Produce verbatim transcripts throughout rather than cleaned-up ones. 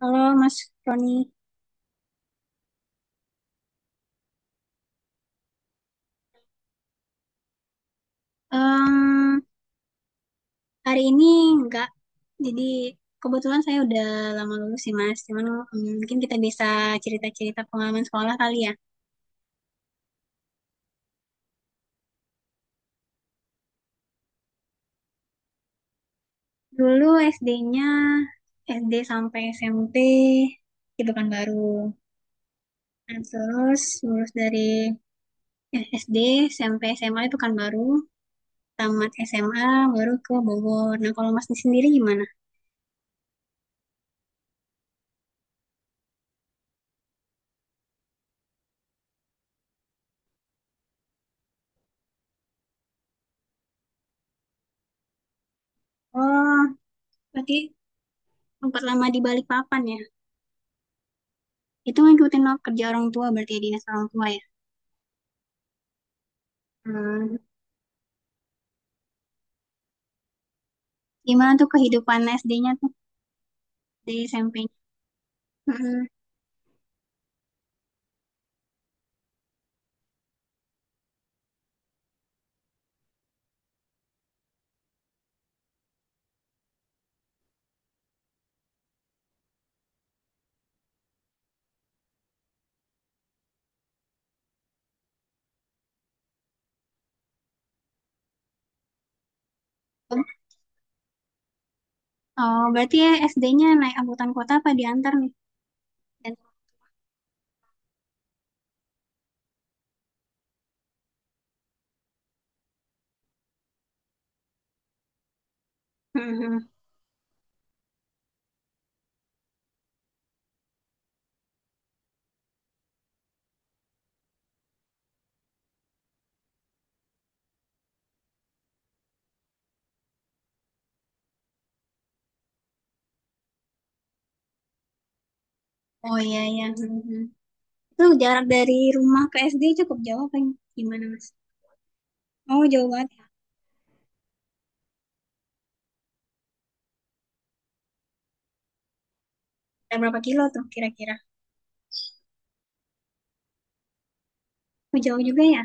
Halo Mas Roni. Em, Hari ini enggak, jadi kebetulan saya udah lama lulus sih Mas, cuman em, mungkin kita bisa cerita-cerita pengalaman sekolah kali ya. Dulu S D-nya, S D sampai S M P itu kan baru, nah, terus lulus dari eh, S D sampai S M A itu kan baru, tamat S M A baru ke Bogor. Nah kalau Mas sendiri gimana? Oh, berarti tempat lama di Balikpapan ya? Itu ngikutin lo- kerja orang tua berarti ya, dinas orang tua ya. Hmm. Gimana tuh kehidupan S D-nya tuh di S M P-nya? Hmm. Oh, berarti ya S D-nya naik angkutan kota apa diantar nih? Dan- Hmm. Oh iya iya. Hmm. Itu jarak dari rumah ke S D cukup jauh apa gimana Mas? Oh jauh banget ya. Ada berapa kilo tuh kira-kira? Oh, jauh juga ya?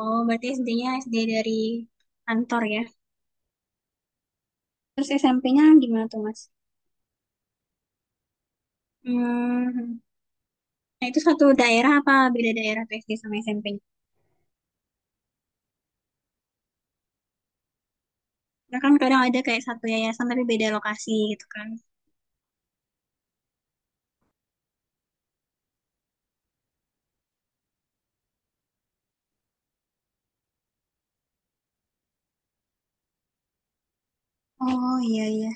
Oh berarti S D-nya S D dari kantor ya. Terus S M P-nya gimana tuh Mas? Hmm. Nah itu satu daerah apa beda daerah tuh S D sama S M P? Karena kan kadang ada kayak satu yayasan tapi beda lokasi gitu kan. Oh iya iya.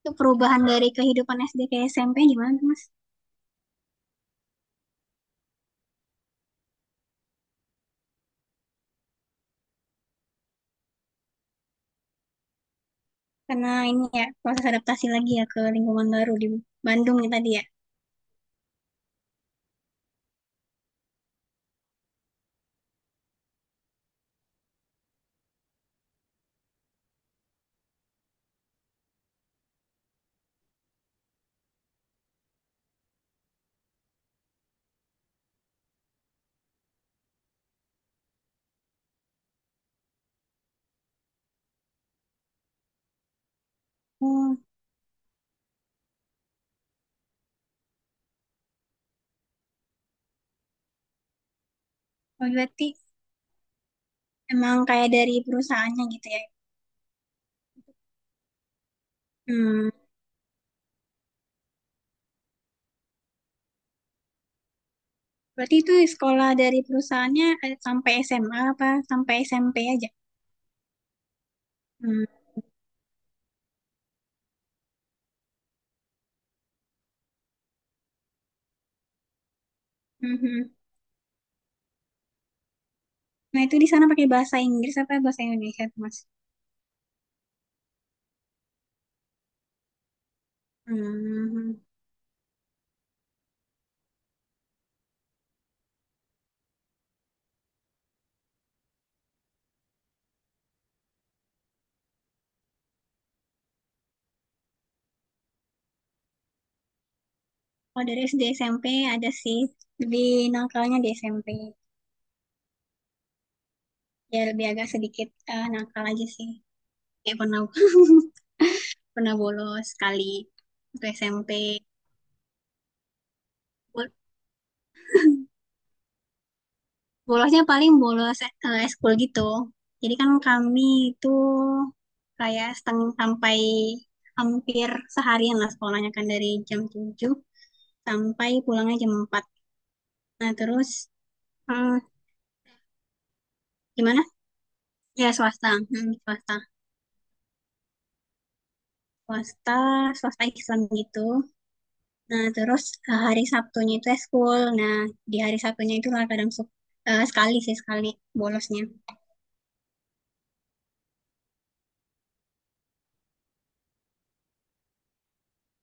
Itu perubahan dari kehidupan S D ke S M P gimana tuh Mas? Karena ini ya proses adaptasi lagi ya ke lingkungan baru di Bandung ya tadi ya. Oh, oh, berarti emang kayak dari perusahaannya gitu ya. Hmm. Berarti itu sekolah dari perusahaannya eh, sampai S M A apa sampai S M P aja? Hmm. Mhm. Nah itu di sana pakai bahasa Inggris apa bahasa Indonesia tuh Mas? Hmm, hmm, hmm. Kalau dari S D S M P ada sih, lebih nakalnya di S M P. Ya lebih agak sedikit eh, nakal aja sih. Kayak pernah pernah bolos sekali waktu S M P. Bol- Bolosnya paling bolos eh, eskul gitu. Jadi kan kami itu kayak setengah sampai hampir seharian lah sekolahnya kan dari jam tujuh sampai pulangnya jam empat. Nah terus, hmm, gimana? Ya swasta, hmm, swasta, swasta, swasta Islam gitu. Nah, terus eh, hari Sabtunya itu eskul. Nah, di hari Sabtunya itu lah kadang suka, eh, sekali sih sekali bolosnya.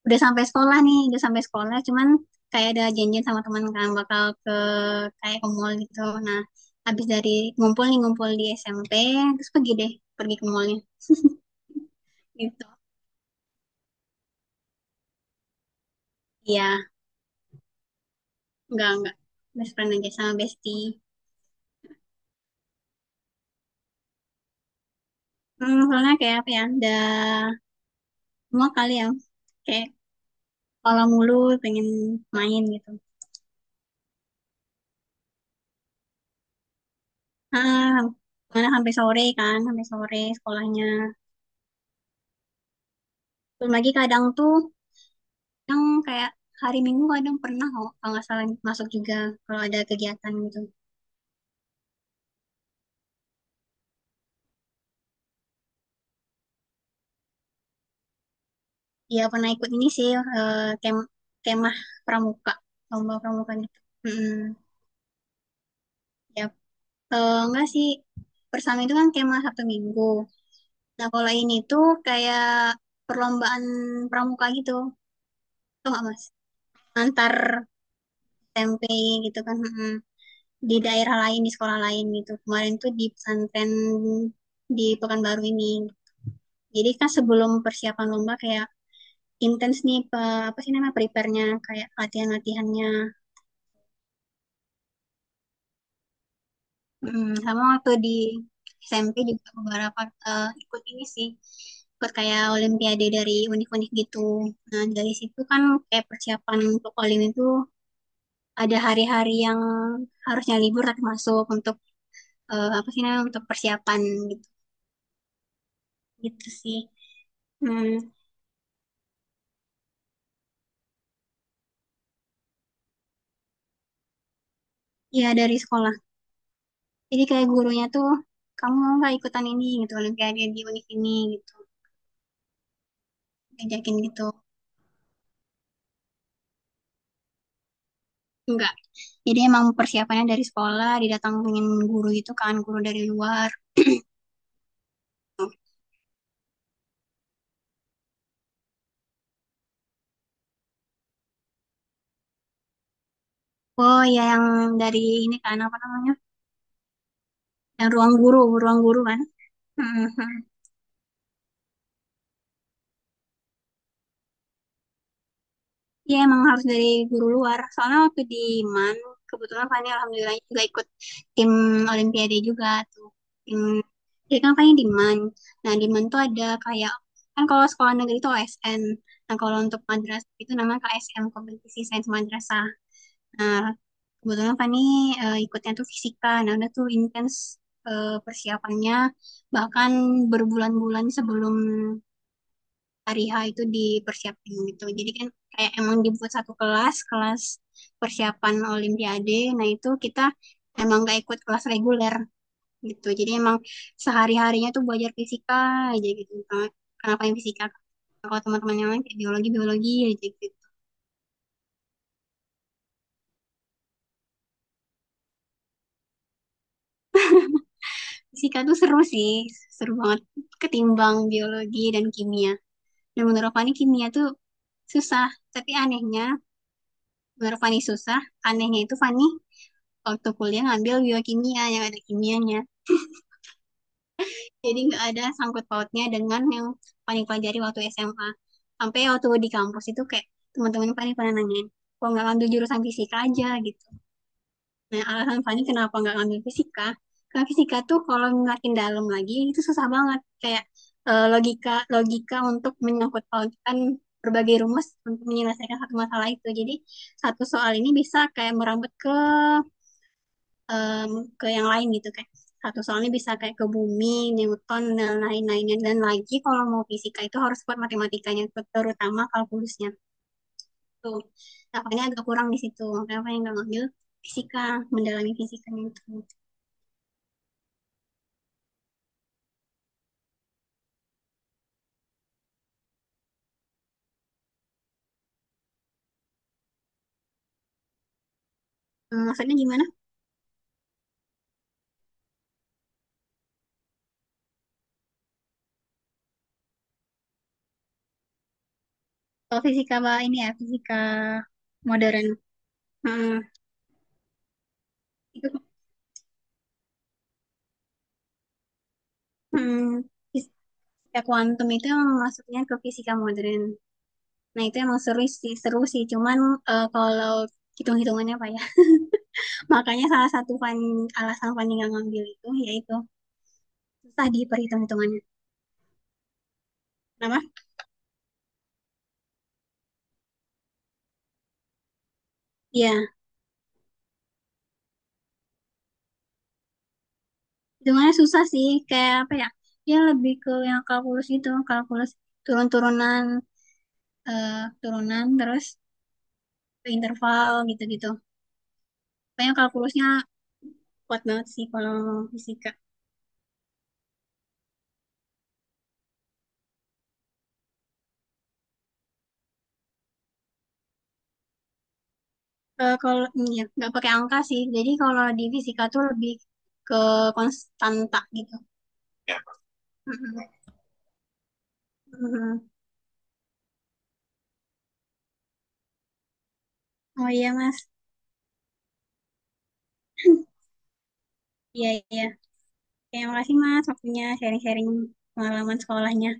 Udah sampai sekolah nih, udah sampai sekolah, cuman kayak ada janjian sama teman kan bakal ke, kayak ke mall gitu. Nah, habis dari ngumpul nih ngumpul di S M P, terus pergi deh, pergi ke mallnya gitu. Iya, enggak enggak. Best friend aja sama bestie. Hmm, soalnya kayak apa ya? Udah semua kali ya. Kayak kalau mulu pengen main gitu. Ah, karena sampai sore kan, sampai sore sekolahnya. Belum lagi kadang tuh, yang kayak hari Minggu kadang pernah kok, kalau nggak salah masuk juga kalau ada kegiatan gitu. Iya pernah ikut ini sih, eh, kem- kemah pramuka, lomba pramuka gitu. Mm-mm. Ya, eh, enggak sih, bersama itu kan kemah Sabtu Minggu. Nah kalau ini tuh kayak perlombaan pramuka gitu, tau nggak mas? Antar S M P gitu kan. Mm-mm. Di daerah lain di sekolah lain gitu kemarin tuh di pesantren di Pekanbaru ini, jadi kan sebelum persiapan lomba kayak intens nih pe- apa sih namanya prepare-nya kayak latihan-latihannya. Mm, sama waktu di S M P juga beberapa eh, ikut ini sih, ikut kayak olimpiade dari unik-unik gitu, nah dari situ kan kayak persiapan untuk olim itu ada hari-hari yang harusnya libur tapi masuk untuk eh, apa sih namanya, untuk persiapan gitu, gitu sih. Hmm, iya dari sekolah, jadi kayak gurunya tuh kamu mau nggak ikutan ini gitu, olimpiade di univ ini gitu, ngajakin gitu. Enggak, jadi emang persiapannya dari sekolah didatangin guru, itu kan guru dari luar. Oh ya yang dari ini kan apa namanya, yang ruang guru, ruang guru kan. Iya emang harus dari guru luar. Soalnya waktu di M A N, kebetulan Fani alhamdulillah juga ikut tim Olimpiade juga tuh. Tim, jadi kan Fani di M A N. Nah di M A N tuh ada kayak, kan kalau sekolah negeri itu O S N. Nah kalau untuk madrasah itu namanya K S M, Kompetisi Sains Madrasah. Nah kebetulan Fani eh, ikutnya tuh fisika. Nah udah tuh intens eh, persiapannya. Bahkan berbulan-bulan sebelum hari H itu dipersiapkan gitu. Jadi kan kayak emang dibuat satu kelas, kelas persiapan Olimpiade. Nah itu kita emang gak ikut kelas reguler gitu. Jadi emang sehari-harinya tuh belajar fisika aja gitu. Nah, kenapa yang fisika? Kalau teman-teman yang lain kayak biologi, biologi aja gitu. Fisika tuh seru sih, seru banget ketimbang biologi dan kimia. Dan menurut Fani kimia tuh susah, tapi anehnya, menurut Fani susah, anehnya itu Fani waktu kuliah ngambil biokimia yang ada kimianya. Jadi nggak ada sangkut pautnya dengan yang paling pelajari waktu S M A. Sampai waktu di kampus itu kayak teman-teman Fani pernah nanyain, kok nggak ngambil jurusan fisika aja gitu. Nah alasan Fani kenapa nggak ngambil fisika, karena fisika tuh kalau makin dalam lagi itu susah banget. Kayak eh, logika logika untuk menyangkut pautkan berbagai rumus untuk menyelesaikan satu masalah itu. Jadi satu soal ini bisa kayak merambut ke em, ke yang lain gitu, kayak satu soalnya bisa kayak ke bumi, Newton dan lain-lainnya, dan lagi kalau mau fisika itu harus kuat matematikanya, terutama kalkulusnya tuh. Nah, makanya agak kurang di situ. Makanya apa yang nggak ngambil fisika, mendalami fisikanya itu. Hmm, maksudnya gimana? Kalau fisika bah, ini ya fisika modern. Hmm, itu hmm, fisika kuantum itu emang masuknya ke fisika modern. Nah, itu emang seru sih, seru sih. Cuman eh, kalau hitung-hitungannya apa ya? Makanya salah satu fan- alasan Fanny nggak ngambil itu yaitu susah di perhitung-hitungannya. Kenapa? Iya, hitungannya susah sih. Kayak apa ya? Dia lebih ke yang kalkulus gitu, kalkulus turun-turunan, eh, turunan terus ke interval gitu-gitu. Pokoknya kalkulusnya kuat banget sih kalau fisika. Eh, kalau iya, nggak pakai angka sih. Jadi kalau di fisika tuh lebih ke konstanta gitu. Oh iya Mas. Iya iya. Terima kasih Mas waktunya sharing-sharing pengalaman sekolahnya.